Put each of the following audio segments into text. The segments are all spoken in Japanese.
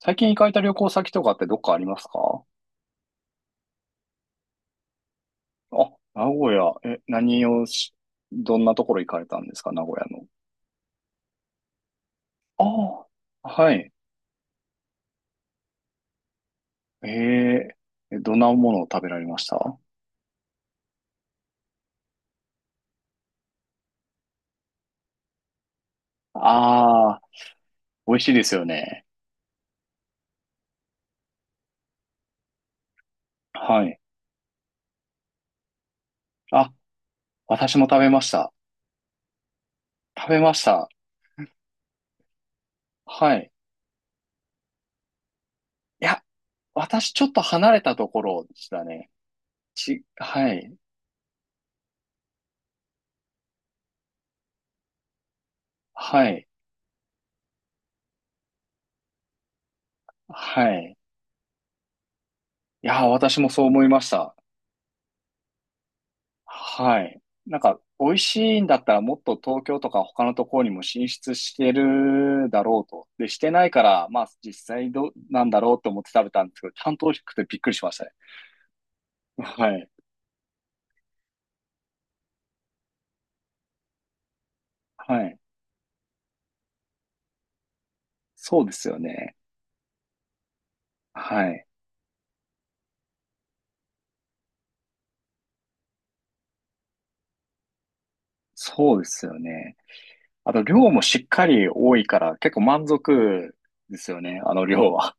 最近行かれた旅行先とかってどっかありますか？あ、名古屋。何をし、どんなところ行かれたんですか、名古屋の。ああ、はい。ええ、どんなものを食べられました？ああー、美味しいですよね。はい。あ、私も食べました。食べました。はい。いや、私ちょっと離れたところでしたね。はい。はい。はい。いや、私もそう思いました。はい。なんか、美味しいんだったらもっと東京とか他のところにも進出してるだろうと。で、してないから、まあ実際どうなんだろうと思って食べたんですけど、ちゃんと美味しくてびっくりしましたね。はい。はい。そうですよね。はい。そうですよね。あと、量もしっかり多いから、結構満足ですよね、あの量は。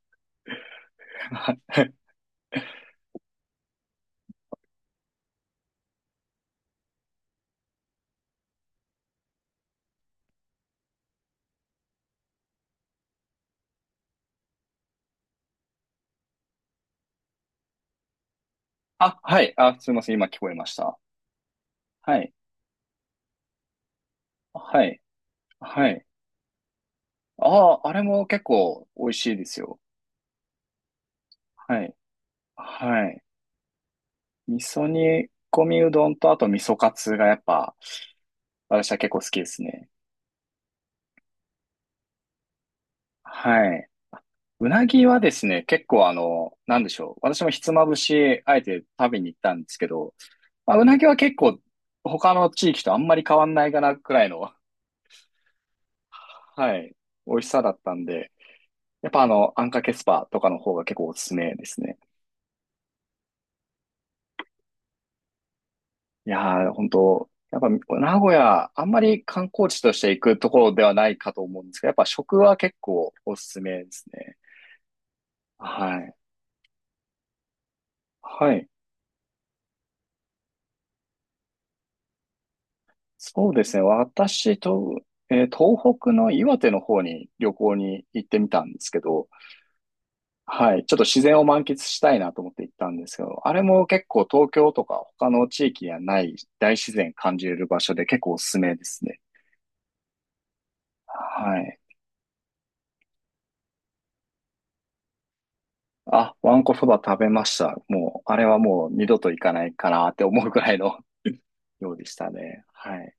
あ、はい。あ、すいません。今聞こえました。はい。はい。はい。ああ、あれも結構美味しいですよ。はい。はい。味噌煮込みうどんと、あと味噌カツがやっぱ、私は結構好きですね。はい。うなぎはですね、結構なんでしょう。私もひつまぶし、あえて食べに行ったんですけど、まあ、うなぎは結構、他の地域とあんまり変わんないかなくらいの、はい、美味しさだったんで、やっぱあんかけスパとかの方が結構おすすめですね。いやー、本当やっぱ名古屋、あんまり観光地として行くところではないかと思うんですけど、やっぱ食は結構おすすめですね。はい。はい。そうですね。東北の岩手の方に旅行に行ってみたんですけど、はい。ちょっと自然を満喫したいなと思って行ったんですけど、あれも結構東京とか他の地域にはない大自然感じれる場所で結構おすすめですね。はい。あ、わんこそば食べました。もう、あれはもう二度と行かないかなって思うくらいの、 量でしたね。はい。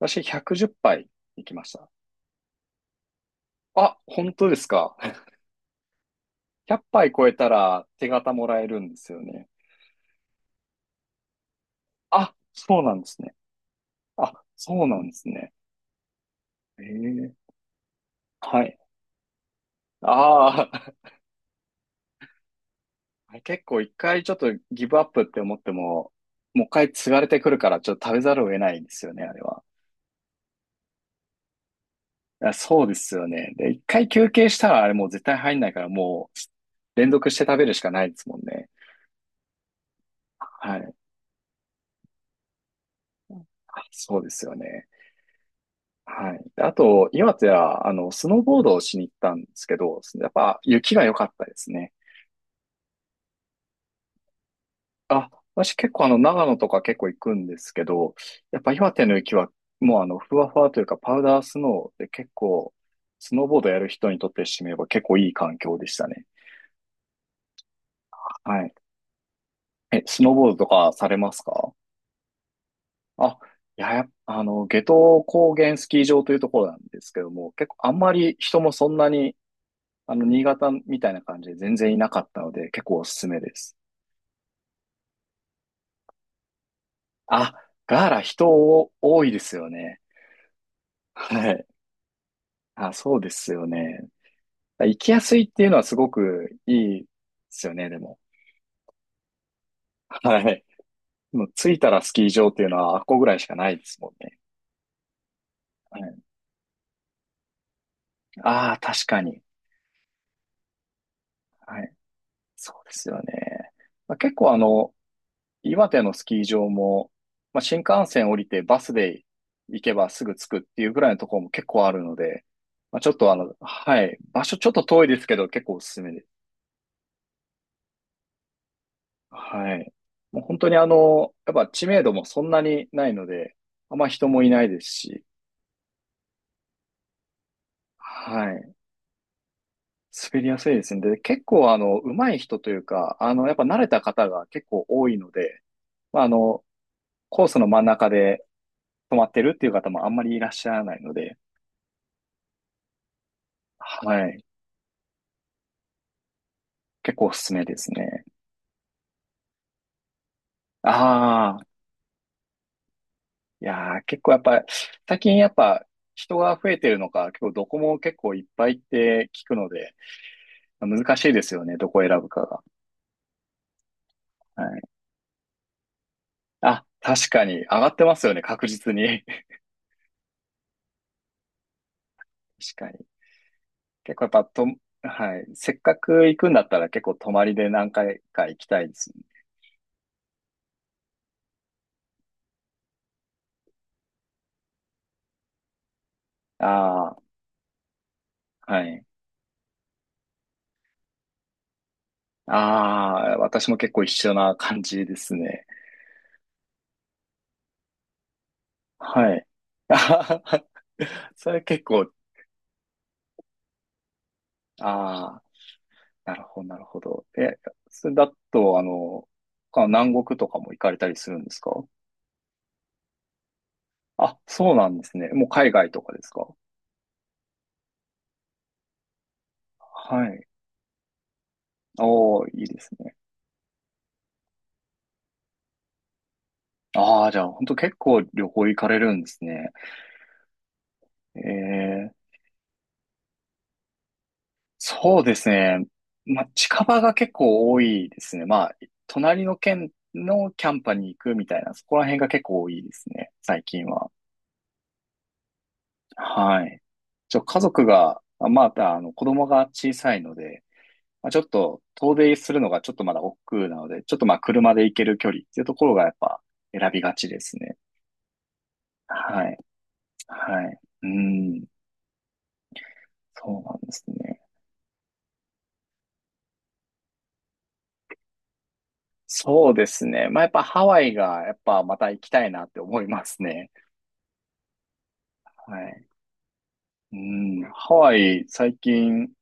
私110杯行きました。あ、本当ですか？100杯超えたら手形もらえるんですよね。あ、そうなんですね。あ、そうなんですね。ええ、はい。ああ、結構一回ちょっとギブアップって思っても、もう一回継がれてくるからちょっと食べざるを得ないんですよね、あれは。そうですよね。で、一回休憩したらあれもう絶対入んないから、もう連続して食べるしかないですもんね。はい。あ、そうですよね。はい。で、あと、岩手は、スノーボードをしに行ったんですけど、やっぱ雪が良かったですね。あ、私結構長野とか結構行くんですけど、やっぱ岩手の雪はもうふわふわというかパウダースノーで結構、スノーボードやる人にとってしてみれば結構いい環境でしたね。はい。え、スノーボードとかされますか？あ、いや、やっぱ夏油高原スキー場というところなんですけども、結構あんまり人もそんなに、新潟みたいな感じで全然いなかったので、結構おすすめです。あ、ガーラ人多いですよね。はい。あ、そうですよね。行きやすいっていうのはすごくいいですよね、でも。はい。もう着いたらスキー場っていうのはあっこぐらいしかないですもんね。はい、ああ、確かに。はい。そうですよね。まあ、結構岩手のスキー場も、まあ、新幹線降りてバスで行けばすぐ着くっていうぐらいのところも結構あるので、まあ、ちょっとはい、場所ちょっと遠いですけど結構おすすめです。はい。もう本当にやっぱ知名度もそんなにないので、あんま人もいないですし、はい。滑りやすいですね。で、結構上手い人というか、やっぱ慣れた方が結構多いので、まあ、コースの真ん中で止まってるっていう方もあんまりいらっしゃらないので、はい。結構おすすめですね。ああ、いやー、結構やっぱ、最近やっぱ人が増えてるのか、結構どこも結構いっぱいって聞くので、難しいですよね、どこを選ぶかが。はい。あ、確かに、上がってますよね、確実に。確かに。結構やっぱと、はい。せっかく行くんだったら結構泊まりで何回か行きたいですね。ああ、はい。ああ、私も結構一緒な感じですね。はい。あはは、それ結構、ああ、なるほど、なるほど。え、それだと、南国とかも行かれたりするんですか？あ、そうなんですね。もう海外とかですか？はい。おー、いいですね。ああ、じゃあ、本当結構旅行行かれるんですね。ええ、そうですね。まあ、近場が結構多いですね。まあ、隣の県のキャンパに行くみたいな、そこら辺が結構多いですね、最近は。はい。家族が、まだ、子供が小さいので、まあ、ちょっと遠出するのがちょっとまだ億劫なので、ちょっとまあ車で行ける距離っていうところがやっぱ選びがちですね。はい。はい。うん。そうなんですね。そうですね。まあやっぱハワイがやっぱまた行きたいなって思いますね。はい。うん。ハワイ最近、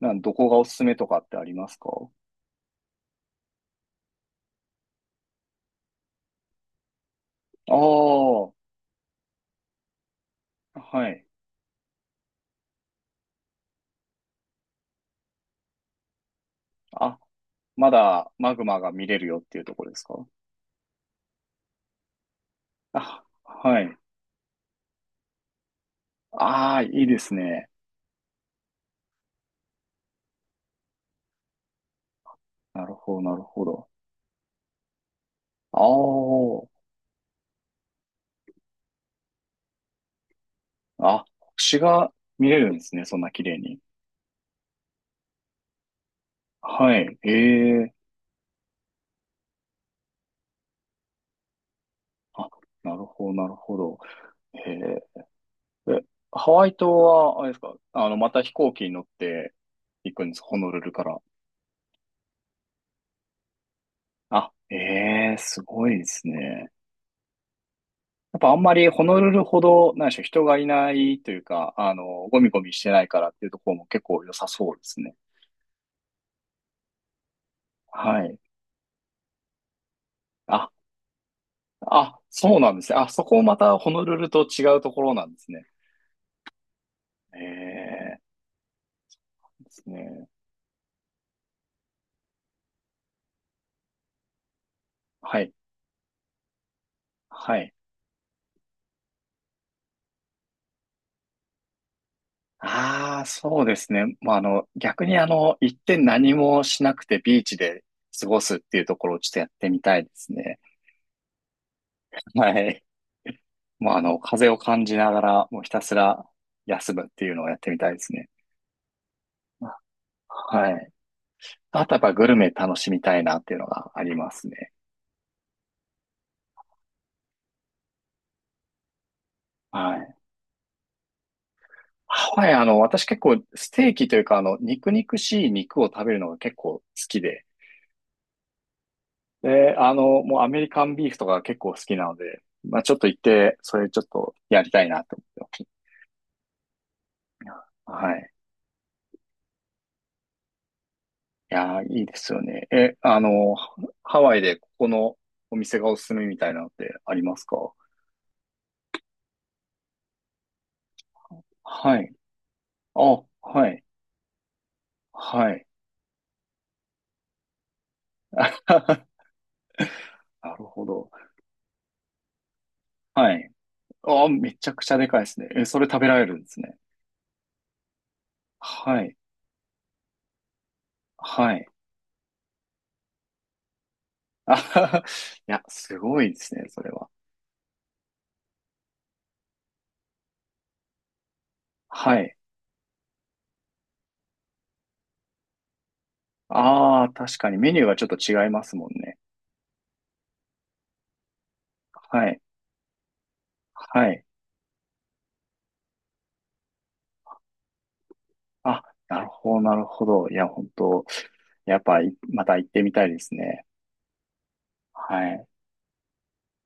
どこがおすすめとかってありますか？ああー、はい。あ、まだマグマが見れるよっていうところですか？あ、はい。ああ、いいですね。なるほど、なるほど。ああ、あ、星が見れるんですね、そんな綺麗に。はい、ええ、あ、なるほど、なるほど。えええ、ハワイ島は、あれですか、また飛行機に乗って行くんです、ホノルルから。あ、ええ、すごいですね。やっぱあんまりホノルルほど、何でしょう、人がいないというか、ゴミゴミしてないからっていうところも結構良さそうですね。はい。あ、あ、そうなんですね。あ、そこもまたホノルルと違うところなんですね。ええですね。はい。はい。ああ、そうですね。まあ、逆に一点何もしなくてビーチで過ごすっていうところをちょっとやってみたいですね。はい。もう風を感じながら、もうひたすら休むっていうのをやってみたいですね。はい。あとやっぱグルメ楽しみたいなっていうのがありますね。はい。ハワイ、私結構ステーキというか、肉肉しい肉を食べるのが結構好きで、で、もうアメリカンビーフとか結構好きなので、まあちょっと行って、それちょっとやりたいなと思ってます。はい。いやー、いいですよね。え、ハワイでここのお店がおすすめみたいなのってありますか？はい。あ、はい。はい。なるほど。はい。あ、めちゃくちゃでかいですね。え、それ食べられるんですね。はい。はい。あはは、いや、すごいですね、それは。はい。ああ、確かにメニューがちょっと違いますもんね。はい。はい。あ、なるほど、なるほど。いや、本当やっぱ、また行ってみたいですね。はい。